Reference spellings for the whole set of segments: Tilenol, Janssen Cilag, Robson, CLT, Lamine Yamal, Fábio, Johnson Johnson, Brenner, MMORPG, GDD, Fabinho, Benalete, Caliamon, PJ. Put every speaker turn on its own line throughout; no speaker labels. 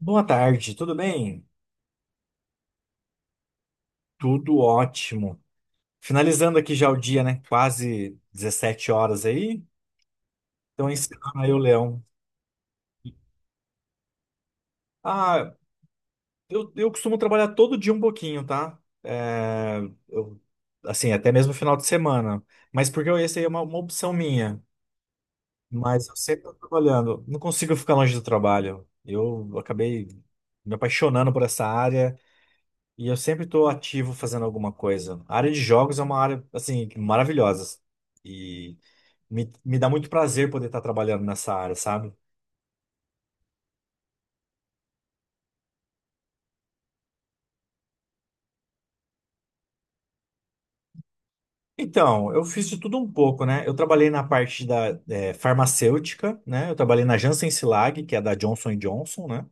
Boa tarde, tudo bem? Tudo ótimo. Finalizando aqui já o dia, né? Quase 17 horas aí. Então, encerrando aí o leão. Ah, eu costumo trabalhar todo dia um pouquinho, tá? É, eu- assim, até mesmo final de semana. Mas essa aí é uma opção minha. Mas eu sempre tô trabalhando. Não consigo ficar longe do trabalho. Eu acabei me apaixonando por essa área. E eu sempre estou ativo fazendo alguma coisa. A área de jogos é uma área, assim, maravilhosa. E me dá muito prazer poder estar trabalhando nessa área, sabe? Então, eu fiz de tudo um pouco, né? Eu trabalhei na parte da farmacêutica, né? Eu trabalhei na Janssen Cilag, que é da Johnson Johnson, né?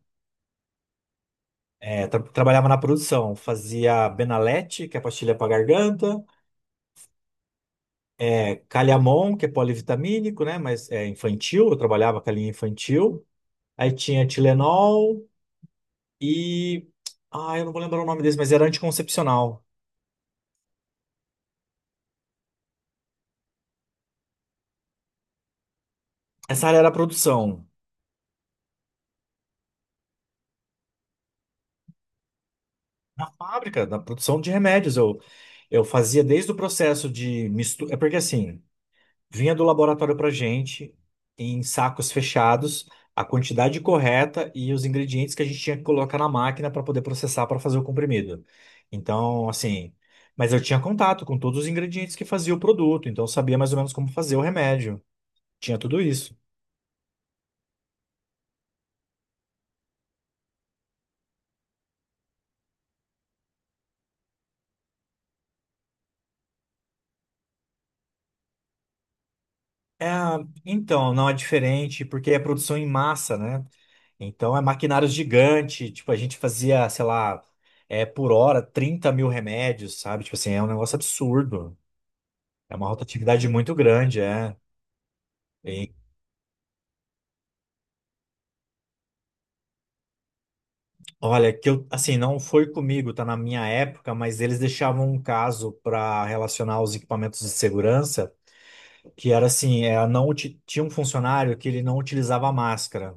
Trabalhava na produção, fazia Benalete, que é pastilha para garganta, Caliamon, que é polivitamínico, né? Mas é infantil, eu trabalhava com a linha infantil. Aí tinha Tilenol, E. Ah, eu não vou lembrar o nome desse, mas era anticoncepcional. Essa área era a produção. A fábrica, da produção de remédios. Eu fazia desde o processo de mistura. É porque assim, vinha do laboratório pra gente, em sacos fechados, a quantidade correta e os ingredientes que a gente tinha que colocar na máquina para poder processar para fazer o comprimido. Então, assim. Mas eu tinha contato com todos os ingredientes que fazia o produto, então eu sabia mais ou menos como fazer o remédio. Tinha tudo isso. É, então, não é diferente, porque é produção em massa, né? Então é maquinário gigante, tipo, a gente fazia, sei lá, por hora 30 mil remédios, sabe? Tipo assim, é um negócio absurdo. É uma rotatividade muito grande, é. E, olha, que eu, assim, não foi comigo, tá na minha época, mas eles deixavam um caso para relacionar os equipamentos de segurança, que era assim, é, não, uti- tinha um funcionário que ele não utilizava máscara,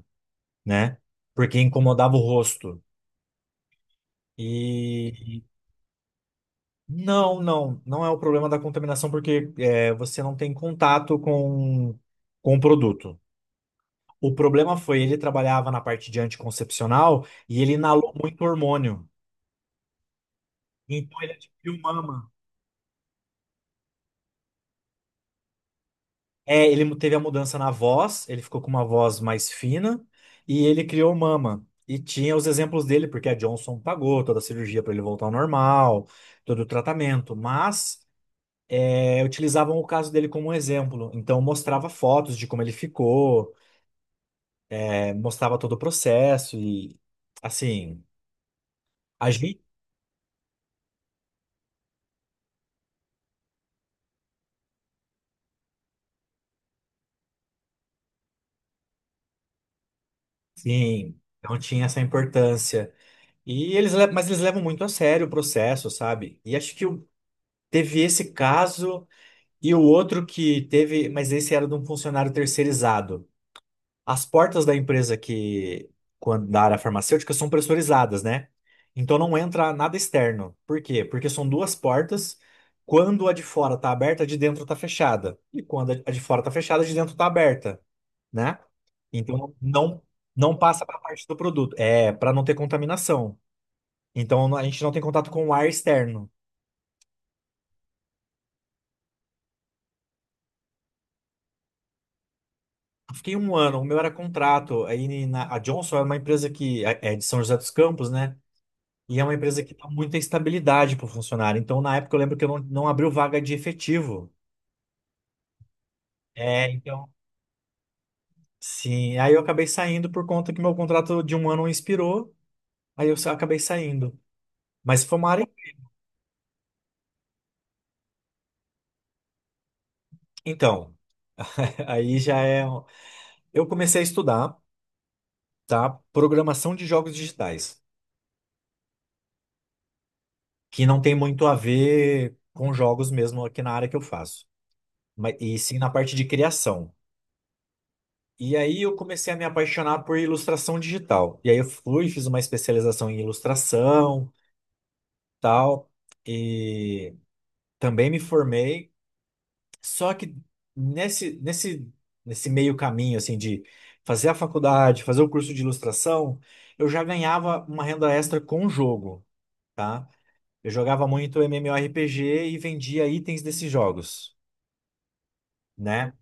né? Porque incomodava o rosto. Uhum. Não, não, não é o problema da contaminação porque é, você não tem contato com o produto. O problema foi ele trabalhava na parte de anticoncepcional e ele inalou muito hormônio. Então ele adquiriu mama. É, ele teve a mudança na voz, ele ficou com uma voz mais fina e ele criou mama. E tinha os exemplos dele, porque a Johnson pagou toda a cirurgia para ele voltar ao normal, todo o tratamento, mas utilizavam o caso dele como um exemplo. Então mostrava fotos de como ele ficou. Mostrava todo o processo e, assim, a gente, sim, não tinha essa importância. Mas eles levam muito a sério o processo, sabe? Teve esse caso e o outro que teve, mas esse era de um funcionário terceirizado. As portas da empresa que, quando, da área farmacêutica, são pressurizadas, né? Então não entra nada externo. Por quê? Porque são duas portas. Quando a de fora tá aberta, a de dentro tá fechada. E quando a de fora tá fechada, a de dentro tá aberta. Né? Então não passa para a parte do produto, é para não ter contaminação. A gente não tem contato com o ar externo. Eu fiquei 1 ano, o meu era contrato. A Johnson é uma empresa que é de São José dos Campos, né? E é uma empresa que dá muita estabilidade para o funcionário. Então na época eu lembro que eu não abriu vaga de efetivo. É, então sim. Aí eu acabei saindo por conta que meu contrato de 1 ano expirou. Acabei saindo. Mas foi uma área. Então, aí já é. Um, Eu comecei a estudar, tá? Programação de jogos digitais, que não tem muito a ver com jogos mesmo aqui na área que eu faço, mas e sim na parte de criação. E aí eu comecei a me apaixonar por ilustração digital. E aí eu fui, fiz uma especialização em ilustração, tal, e também me formei. Só que nesse nesse nesse meio caminho assim de fazer a faculdade, fazer o curso de ilustração, eu já ganhava uma renda extra com o jogo, tá? Eu jogava muito MMORPG e vendia itens desses jogos, né?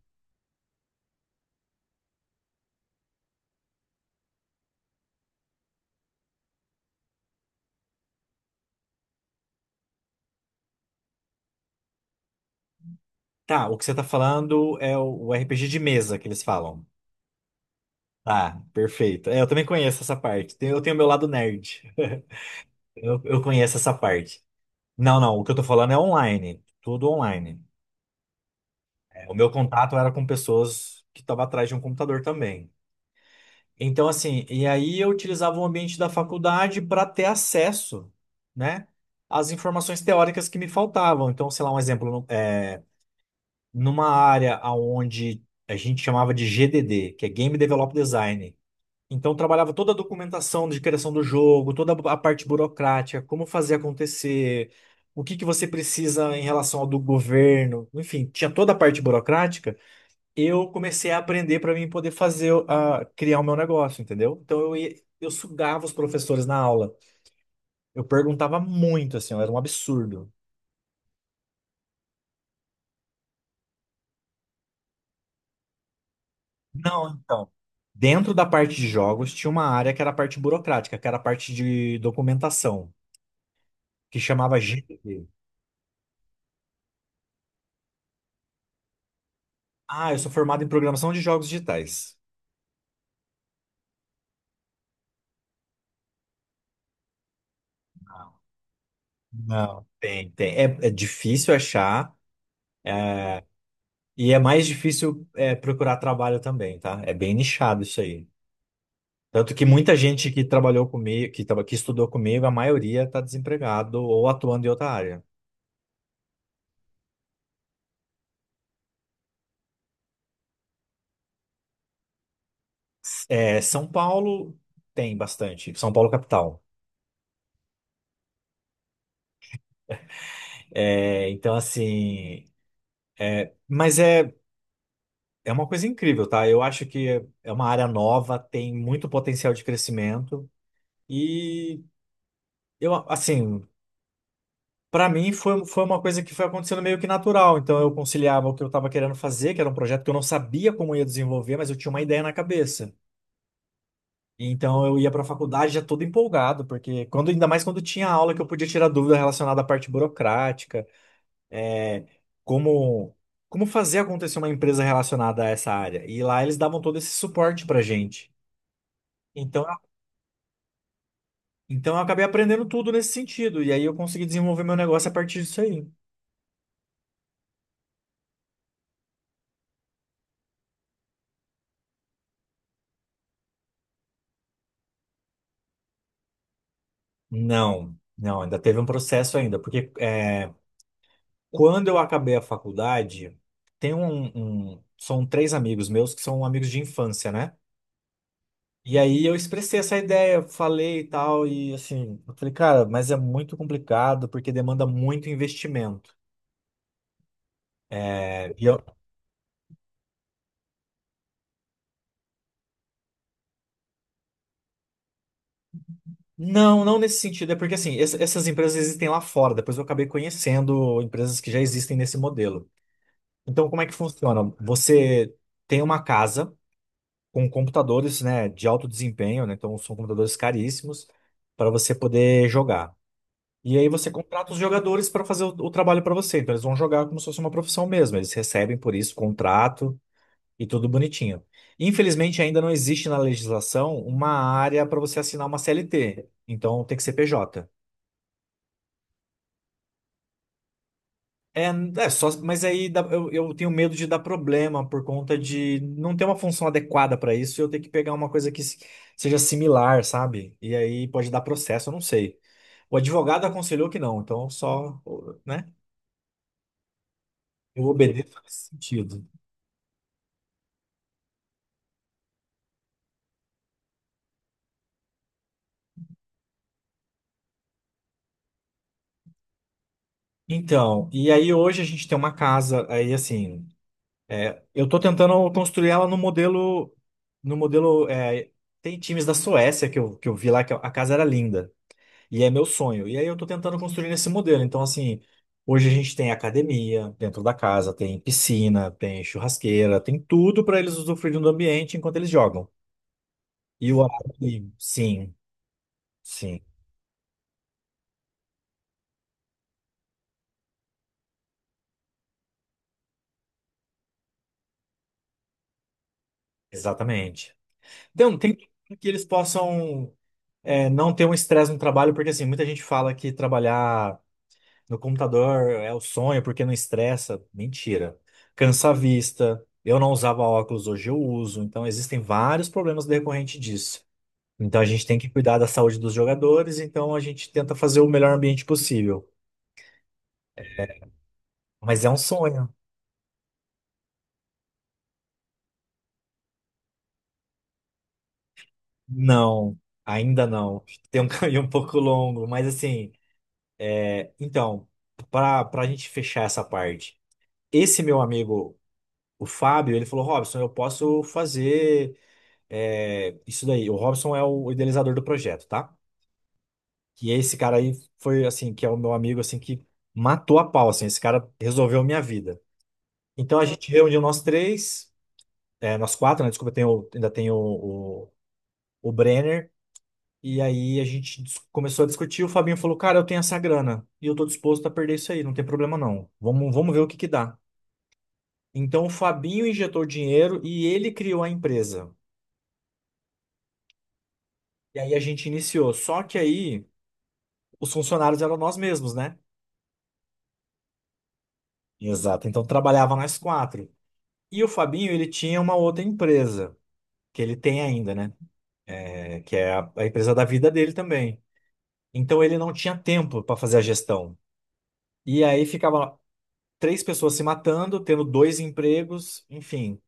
Tá, o que você tá falando é o RPG de mesa que eles falam. Tá, perfeito. É, eu também conheço essa parte. Eu tenho meu lado nerd. Eu conheço essa parte. Não, não, o que eu tô falando é online. Tudo online. É, o meu contato era com pessoas que estavam atrás de um computador também. Então, assim, e aí eu utilizava o ambiente da faculdade para ter acesso, né? Às informações teóricas que me faltavam. Então, sei lá, um exemplo. Numa área onde a gente chamava de GDD, que é Game Develop Design. Então, trabalhava toda a documentação de criação do jogo, toda a parte burocrática, como fazer acontecer, o que que você precisa em relação ao do governo, enfim, tinha toda a parte burocrática. Eu comecei a aprender para mim poder fazer, a, criar o meu negócio, entendeu? Então, eu sugava os professores na aula. Eu perguntava muito, assim, ó, era um absurdo. Não, então. Dentro da parte de jogos tinha uma área que era a parte burocrática, que era a parte de documentação, que chamava GDD. Ah, eu sou formado em programação de jogos digitais. Não, não, tem, tem. É, é difícil achar e é mais difícil procurar trabalho também, tá? É bem nichado isso aí. Tanto que muita gente que trabalhou comigo, que estudou comigo, a maioria está desempregado ou atuando em outra área. É, São Paulo tem bastante, São Paulo capital. É, então, assim, mas é, é uma coisa incrível, tá? Eu acho que é uma área nova, tem muito potencial de crescimento. E eu, assim, pra mim foi, foi uma coisa que foi acontecendo meio que natural. Então eu conciliava o que eu estava querendo fazer, que era um projeto que eu não sabia como ia desenvolver, mas eu tinha uma ideia na cabeça. Então eu ia pra faculdade já todo empolgado, porque quando, ainda mais quando tinha aula que eu podia tirar dúvida relacionada à parte burocrática. é, Como como fazer acontecer uma empresa relacionada a essa área. E lá eles davam todo esse suporte pra gente. Então, então eu acabei aprendendo tudo nesse sentido. E aí eu consegui desenvolver meu negócio a partir disso aí. Não, não, ainda teve um processo ainda, porque é, quando eu acabei a faculdade, são 3 amigos meus que são amigos de infância, né? E aí eu expressei essa ideia, falei e tal, e assim, eu falei, cara, mas é muito complicado porque demanda muito investimento. Não, não nesse sentido. É porque assim, essas empresas existem lá fora. Depois eu acabei conhecendo empresas que já existem nesse modelo. Então, como é que funciona? Você tem uma casa com computadores, né, de alto desempenho, né? Então são computadores caríssimos para você poder jogar. E aí você contrata os jogadores para fazer o trabalho para você. Então eles vão jogar como se fosse uma profissão mesmo. Eles recebem por isso contrato e tudo bonitinho. Infelizmente ainda não existe na legislação uma área para você assinar uma CLT. Então tem que ser PJ. É, é só, mas eu tenho medo de dar problema por conta de não ter uma função adequada para isso, e eu ter que pegar uma coisa que se- seja similar, sabe? E aí pode dar processo, eu não sei. O advogado aconselhou que não, então só, né? Eu obedeço nesse sentido. Então, e aí hoje a gente tem uma casa, aí assim, é, eu tô tentando construir ela no modelo, no modelo, é, tem times da Suécia que eu vi lá que a casa era linda. E é meu sonho. E aí eu tô tentando construir esse modelo. Então, assim, hoje a gente tem academia dentro da casa, tem piscina, tem churrasqueira, tem tudo para eles usufruírem do ambiente enquanto eles jogam. E o ambiente, sim, sim, exatamente. Então, tem tudo que eles possam não ter um estresse no trabalho, porque assim, muita gente fala que trabalhar no computador é o sonho porque não estressa. Mentira. Cansa a vista. Eu não usava óculos, hoje eu uso. Então, existem vários problemas decorrentes disso. Então a gente tem que cuidar da saúde dos jogadores, então a gente tenta fazer o melhor ambiente possível. Mas é um sonho. Não, ainda não. Tem um caminho um pouco longo, mas assim, então, para a gente fechar essa parte, esse meu amigo, o Fábio, ele falou: Robson, eu posso fazer isso daí. O Robson é o idealizador do projeto, tá? E esse cara aí foi assim, que é o meu amigo assim que matou a pau, assim, esse cara resolveu minha vida. Então a gente reuniu nós 3. É, nós 4, né? Desculpa, ainda tem o Brenner. E aí começou a discutir. O Fabinho falou: Cara, eu tenho essa grana e eu tô disposto a perder isso aí, não tem problema não. Vamos, vamos ver o que que dá. Então o Fabinho injetou o dinheiro e ele criou a empresa. E aí a gente iniciou. Só que aí os funcionários eram nós mesmos, né? Exato. Então trabalhava nós 4. E o Fabinho, ele tinha uma outra empresa, que ele tem ainda, né? É, que é a empresa da vida dele também. Então ele não tinha tempo para fazer a gestão. E aí ficava 3 pessoas se matando, tendo 2 empregos, enfim.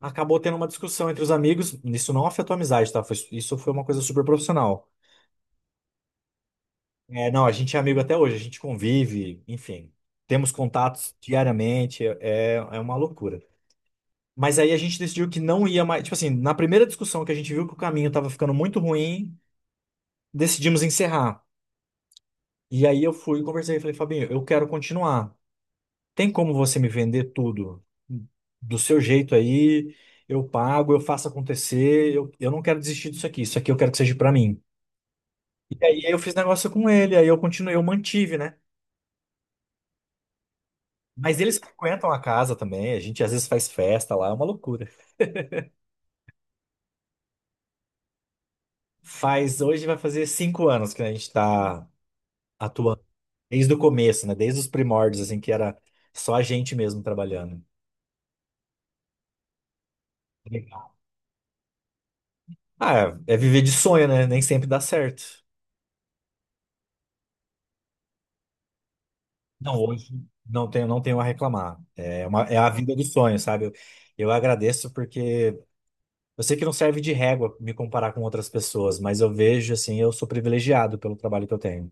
Acabou tendo uma discussão entre os amigos. Isso não afetou a amizade, tá? Isso foi uma coisa super profissional. É, não, a gente é amigo até hoje, a gente convive, enfim. Temos contatos diariamente, é, é uma loucura. Mas aí a gente decidiu que não ia mais. Tipo assim, na primeira discussão que a gente viu que o caminho estava ficando muito ruim, decidimos encerrar. E aí eu fui e conversei, falei, Fabinho, eu quero continuar. Tem como você me vender tudo do seu jeito aí? Eu pago, eu faço acontecer. Eu não quero desistir disso aqui. Isso aqui eu quero que seja pra mim. E aí eu fiz negócio com ele, aí eu continuei, eu mantive, né? Mas eles frequentam a casa também. A gente às vezes faz festa lá, é uma loucura. Faz, hoje vai fazer 5 anos que a gente tá atuando. Desde o começo, né? Desde os primórdios, assim, que era só a gente mesmo trabalhando. Legal. Ah, é é viver de sonho, né? Nem sempre dá certo. Não, hoje não tenho, não tenho a reclamar. É uma, é a vida dos sonhos, sabe? Eu agradeço porque eu sei que não serve de régua me comparar com outras pessoas, mas eu vejo assim, eu sou privilegiado pelo trabalho que eu tenho.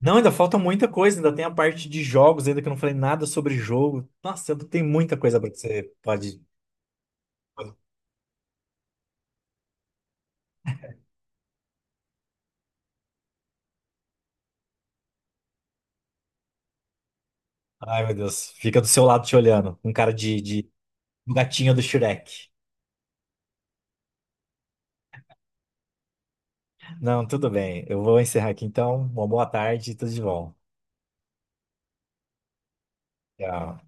Não, ainda falta muita coisa, ainda tem a parte de jogos, ainda que eu não falei nada sobre jogo. Nossa, tem muita coisa pra que você pode. Ai, meu Deus, fica do seu lado te olhando, um cara de um gatinho do Shrek. Não, tudo bem, eu vou encerrar aqui então. Uma boa tarde e tudo de bom. Tchau.